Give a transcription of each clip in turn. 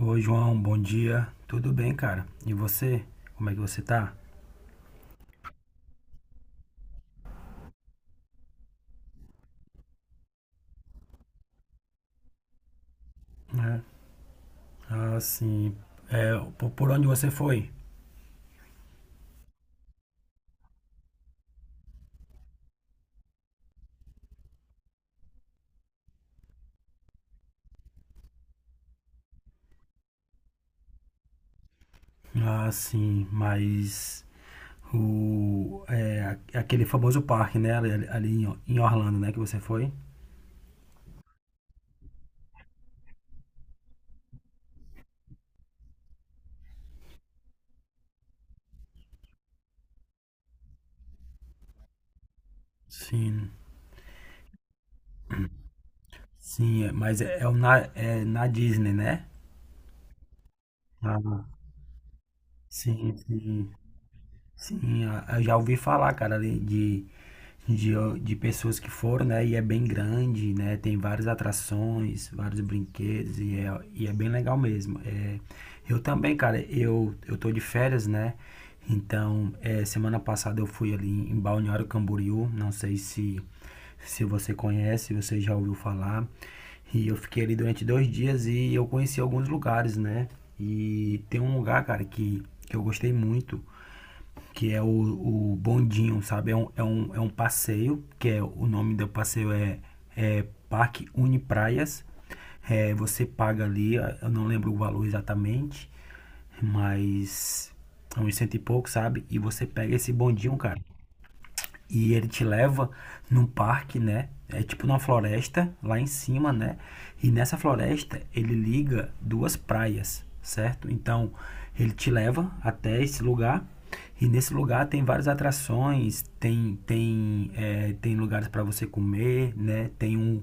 Oi, João, bom dia. Tudo bem, cara? E você? Como é que você tá? É. Ah, sim. É, por onde você foi? Ah, sim, mas o é, aquele famoso parque, né? Ali em Orlando, né? Que você foi? Sim, sim, é, mas é na Disney, né? Ah, sim, sim. Sim, ah, eu já ouvi falar, cara, ali de, de pessoas que foram, né? E é bem grande, né? Tem várias atrações, vários brinquedos e é bem legal mesmo. É, eu também, cara, eu tô de férias, né? Então, semana passada eu fui ali em Balneário Camboriú, não sei se você conhece, você já ouviu falar. E eu fiquei ali durante 2 dias e eu conheci alguns lugares, né? E tem um lugar, cara, que eu gostei muito, que é o bondinho, sabe? É um passeio, que é o nome do passeio é Parque Unipraias. Você paga ali, eu não lembro o valor exatamente, mas é uns cento e pouco, sabe? E você pega esse bondinho, cara. E ele te leva num parque, né? É tipo numa floresta lá em cima, né? E nessa floresta ele liga duas praias, certo? Então ele te leva até esse lugar. E nesse lugar tem várias atrações, tem lugares para você comer, né?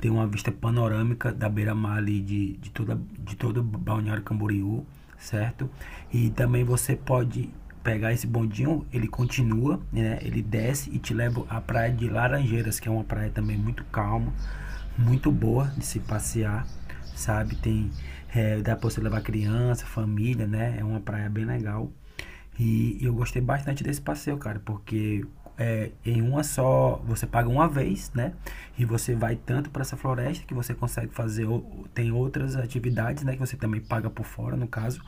Tem uma vista panorâmica da beira-mar ali de todo Balneário Camboriú, certo? E também você pode pegar esse bondinho, ele continua, né? Ele desce e te leva à praia de Laranjeiras, que é uma praia também muito calma, muito boa de se passear, sabe? Dá pra você levar criança, família, né? É uma praia bem legal. E eu gostei bastante desse passeio, cara, porque em uma só, você paga uma vez, né? E você vai tanto para essa floresta que você consegue fazer, tem outras atividades, né? Que você também paga por fora, no caso.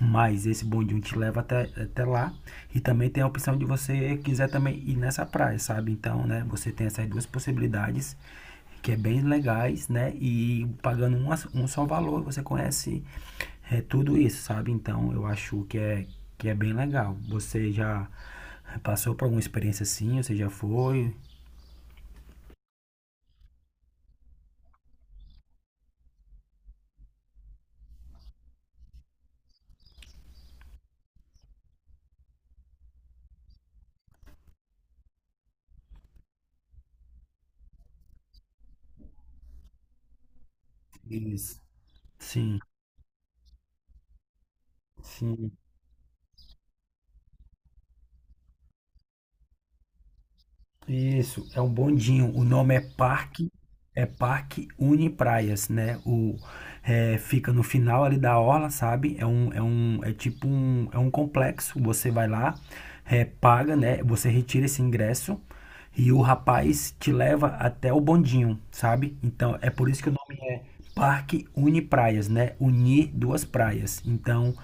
Mas esse bondinho te leva até lá. E também tem a opção de você quiser também ir nessa praia, sabe? Então, né? Você tem essas duas possibilidades que é bem legais, né? E pagando um só valor, você conhece tudo isso, sabe? Então eu acho que é bem legal. Você já passou por alguma experiência assim? Você já foi? Isso. Sim, sim. Isso, é um bondinho. O nome é Parque Uni Praias, né? Fica no final ali da orla, sabe? É um, é um, é tipo um, é um complexo. Você vai lá, paga, né? Você retira esse ingresso e o rapaz te leva até o bondinho, sabe? Então é por isso que o nome é Parque Uni Praias, né? Unir duas praias. Então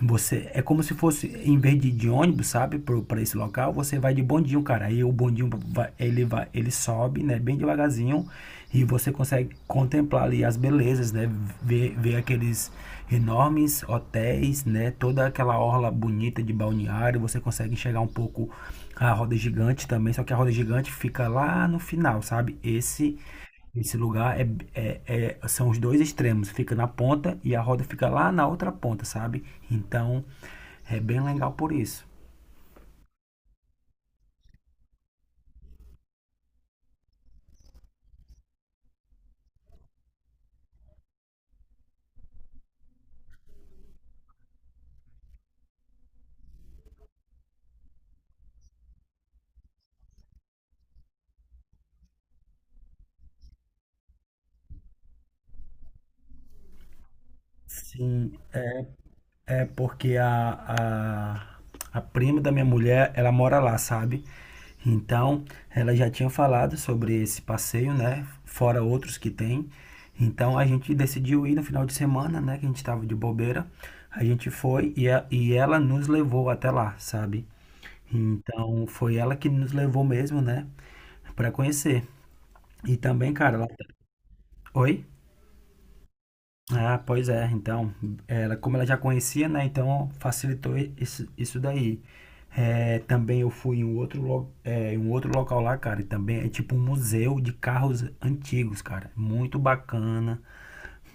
você é como se fosse em vez de ônibus, sabe, para esse local, você vai de bondinho, cara. Aí o bondinho ele vai, ele sobe, né, bem devagarzinho, e você consegue contemplar ali as belezas, né, ver aqueles enormes hotéis, né, toda aquela orla bonita de balneário, você consegue enxergar um pouco a roda gigante também, só que a roda gigante fica lá no final, sabe? Esse lugar são os dois extremos, fica na ponta e a roda fica lá na outra ponta, sabe? Então é bem legal por isso. Sim, é porque a prima da minha mulher, ela mora lá, sabe? Então ela já tinha falado sobre esse passeio, né? Fora outros que tem. Então a gente decidiu ir no final de semana, né? Que a gente tava de bobeira. A gente foi e ela nos levou até lá, sabe? Então foi ela que nos levou mesmo, né, pra conhecer. E também, cara, Oi? Ah, pois é. Então, ela, como ela já conhecia, né, então facilitou isso, isso daí. É, também eu fui em um outro local lá, cara, e também é tipo um museu de carros antigos, cara. Muito bacana.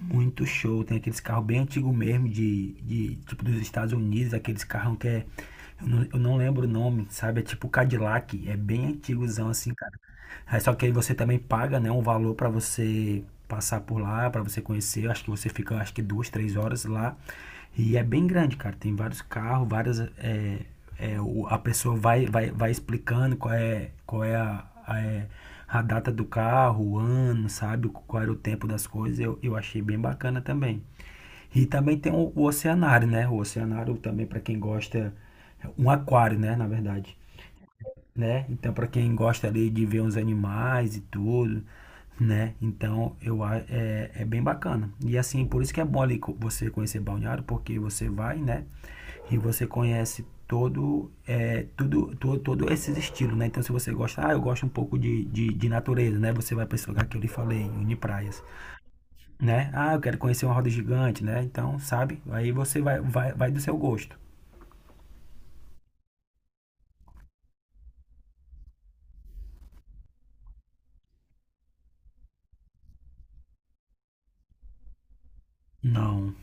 Muito show. Tem aqueles carros bem antigos mesmo, de tipo dos Estados Unidos, aqueles carros que é. Eu não lembro o nome, sabe? É tipo Cadillac. É bem antigozão assim, cara. Aí, só que aí você também paga, né, um valor pra você passar por lá, pra você conhecer. Eu acho que você fica, acho que 2, 3 horas lá. E é bem grande, cara. Tem vários carros, várias, é, é, o, a pessoa vai explicando qual é a data do carro, o ano, sabe? Qual era o tempo das coisas. Eu achei bem bacana também. E também tem o oceanário, né? O oceanário também, para quem gosta, é um aquário, né? Na verdade, né? Então, para quem gosta ali de ver uns animais e tudo, né? Então, é bem bacana. E assim, por isso que é bom ali você conhecer Balneário, porque você vai, né? E você conhece todo, é, tudo, todo, todo esses estilos, né? Então, se você gosta, ah, eu gosto um pouco de natureza, né? Você vai para esse lugar que eu lhe falei, Unipraias, né? Ah, eu quero conhecer uma roda gigante, né? Então, sabe? Aí você vai do seu gosto. Não.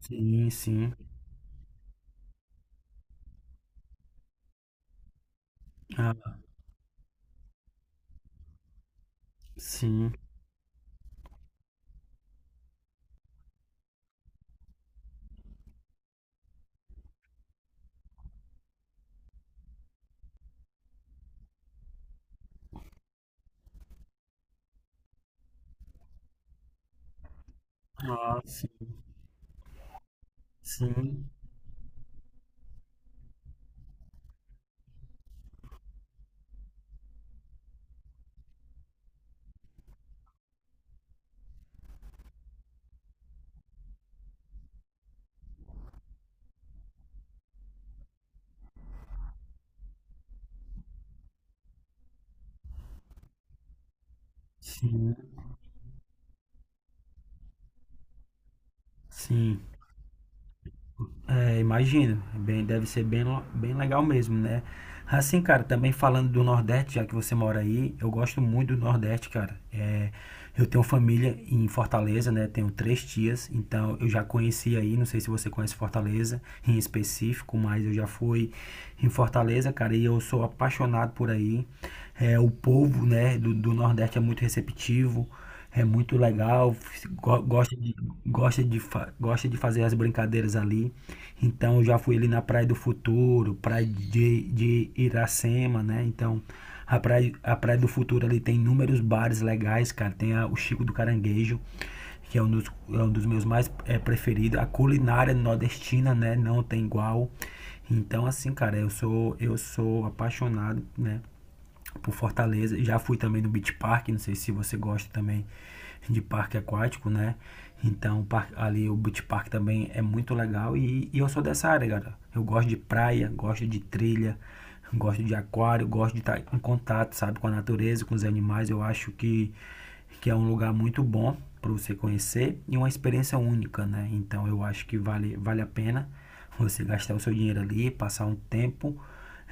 Sim, sim. Ah, sim. Ah, sim. Sim, sim, sim. É, imagino. É bem, deve ser bem legal mesmo, né? Assim, cara, também falando do Nordeste, já que você mora aí, eu gosto muito do Nordeste, cara. Eu tenho família em Fortaleza, né? Tenho três tias, então eu já conheci aí, não sei se você conhece Fortaleza em específico, mas eu já fui em Fortaleza, cara, e eu sou apaixonado por aí. O povo, né, do Nordeste é muito receptivo. É muito legal. Go- gosta de, gosta de, fa- gosta de fazer as brincadeiras ali. Então eu já fui ali na Praia do Futuro, Praia de Iracema, né? Então a praia do Futuro ali tem inúmeros bares legais, cara. Tem o Chico do Caranguejo, que é um dos meus mais preferidos. A culinária nordestina, né? Não tem igual. Então, assim, cara, eu sou apaixonado, né, por Fortaleza. Já fui também no Beach Park, não sei se você gosta também de parque aquático, né? Então, ali o Beach Park também é muito legal e eu sou dessa área, cara. Eu gosto de praia, gosto de trilha, gosto de aquário, gosto de estar em contato, sabe, com a natureza, com os animais. Eu acho que é um lugar muito bom para você conhecer e uma experiência única, né? Então eu acho que vale a pena você gastar o seu dinheiro ali, passar um tempo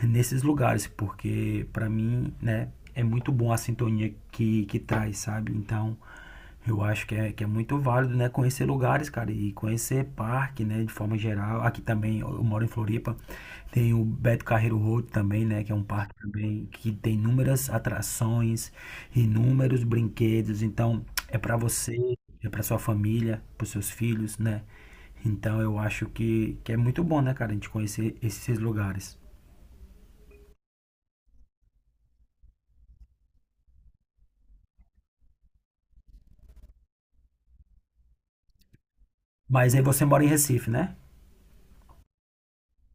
nesses lugares, porque para mim, né, é muito bom a sintonia que traz, sabe? Então eu acho que é muito válido, né? Conhecer lugares, cara, e conhecer parque, né? De forma geral. Aqui também, eu moro em Floripa, tem o Beto Carreiro Road também, né? Que é um parque também que tem inúmeras atrações, inúmeros brinquedos. Então, é pra você, é pra sua família, pros seus filhos, né? Então, eu acho que é muito bom, né, cara, a gente conhecer esses lugares. Mas aí você mora em Recife, né?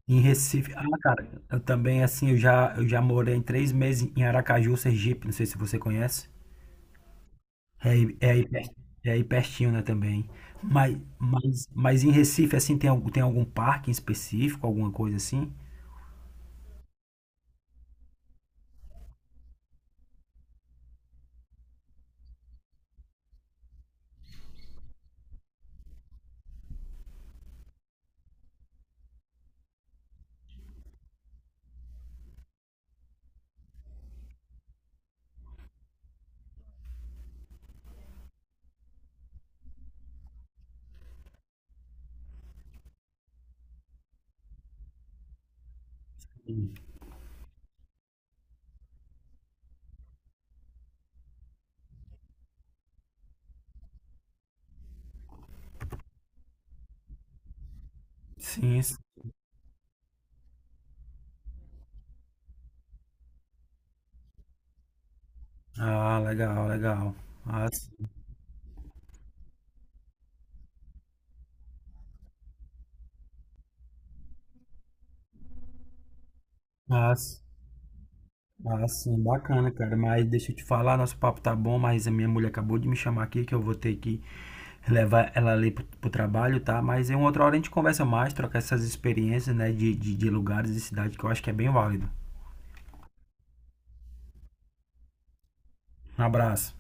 Em Recife, ah, cara, eu também, assim, eu já morei 3 meses em Aracaju, Sergipe, não sei se você conhece. É aí, é aí, per- é aí pertinho, né, também. Mas em Recife, assim, tem algum parque em específico, alguma coisa assim? Sim. Sim. Ah, legal, legal. Ah, sim. Ah, sim. Ah, sim, bacana, cara. Mas deixa eu te falar, nosso papo tá bom, mas a minha mulher acabou de me chamar aqui que eu vou ter que levar ela ali pro trabalho, tá? Mas em uma outra hora a gente conversa mais, trocar essas experiências, né? De lugares e cidade que eu acho que é bem válido. Um abraço.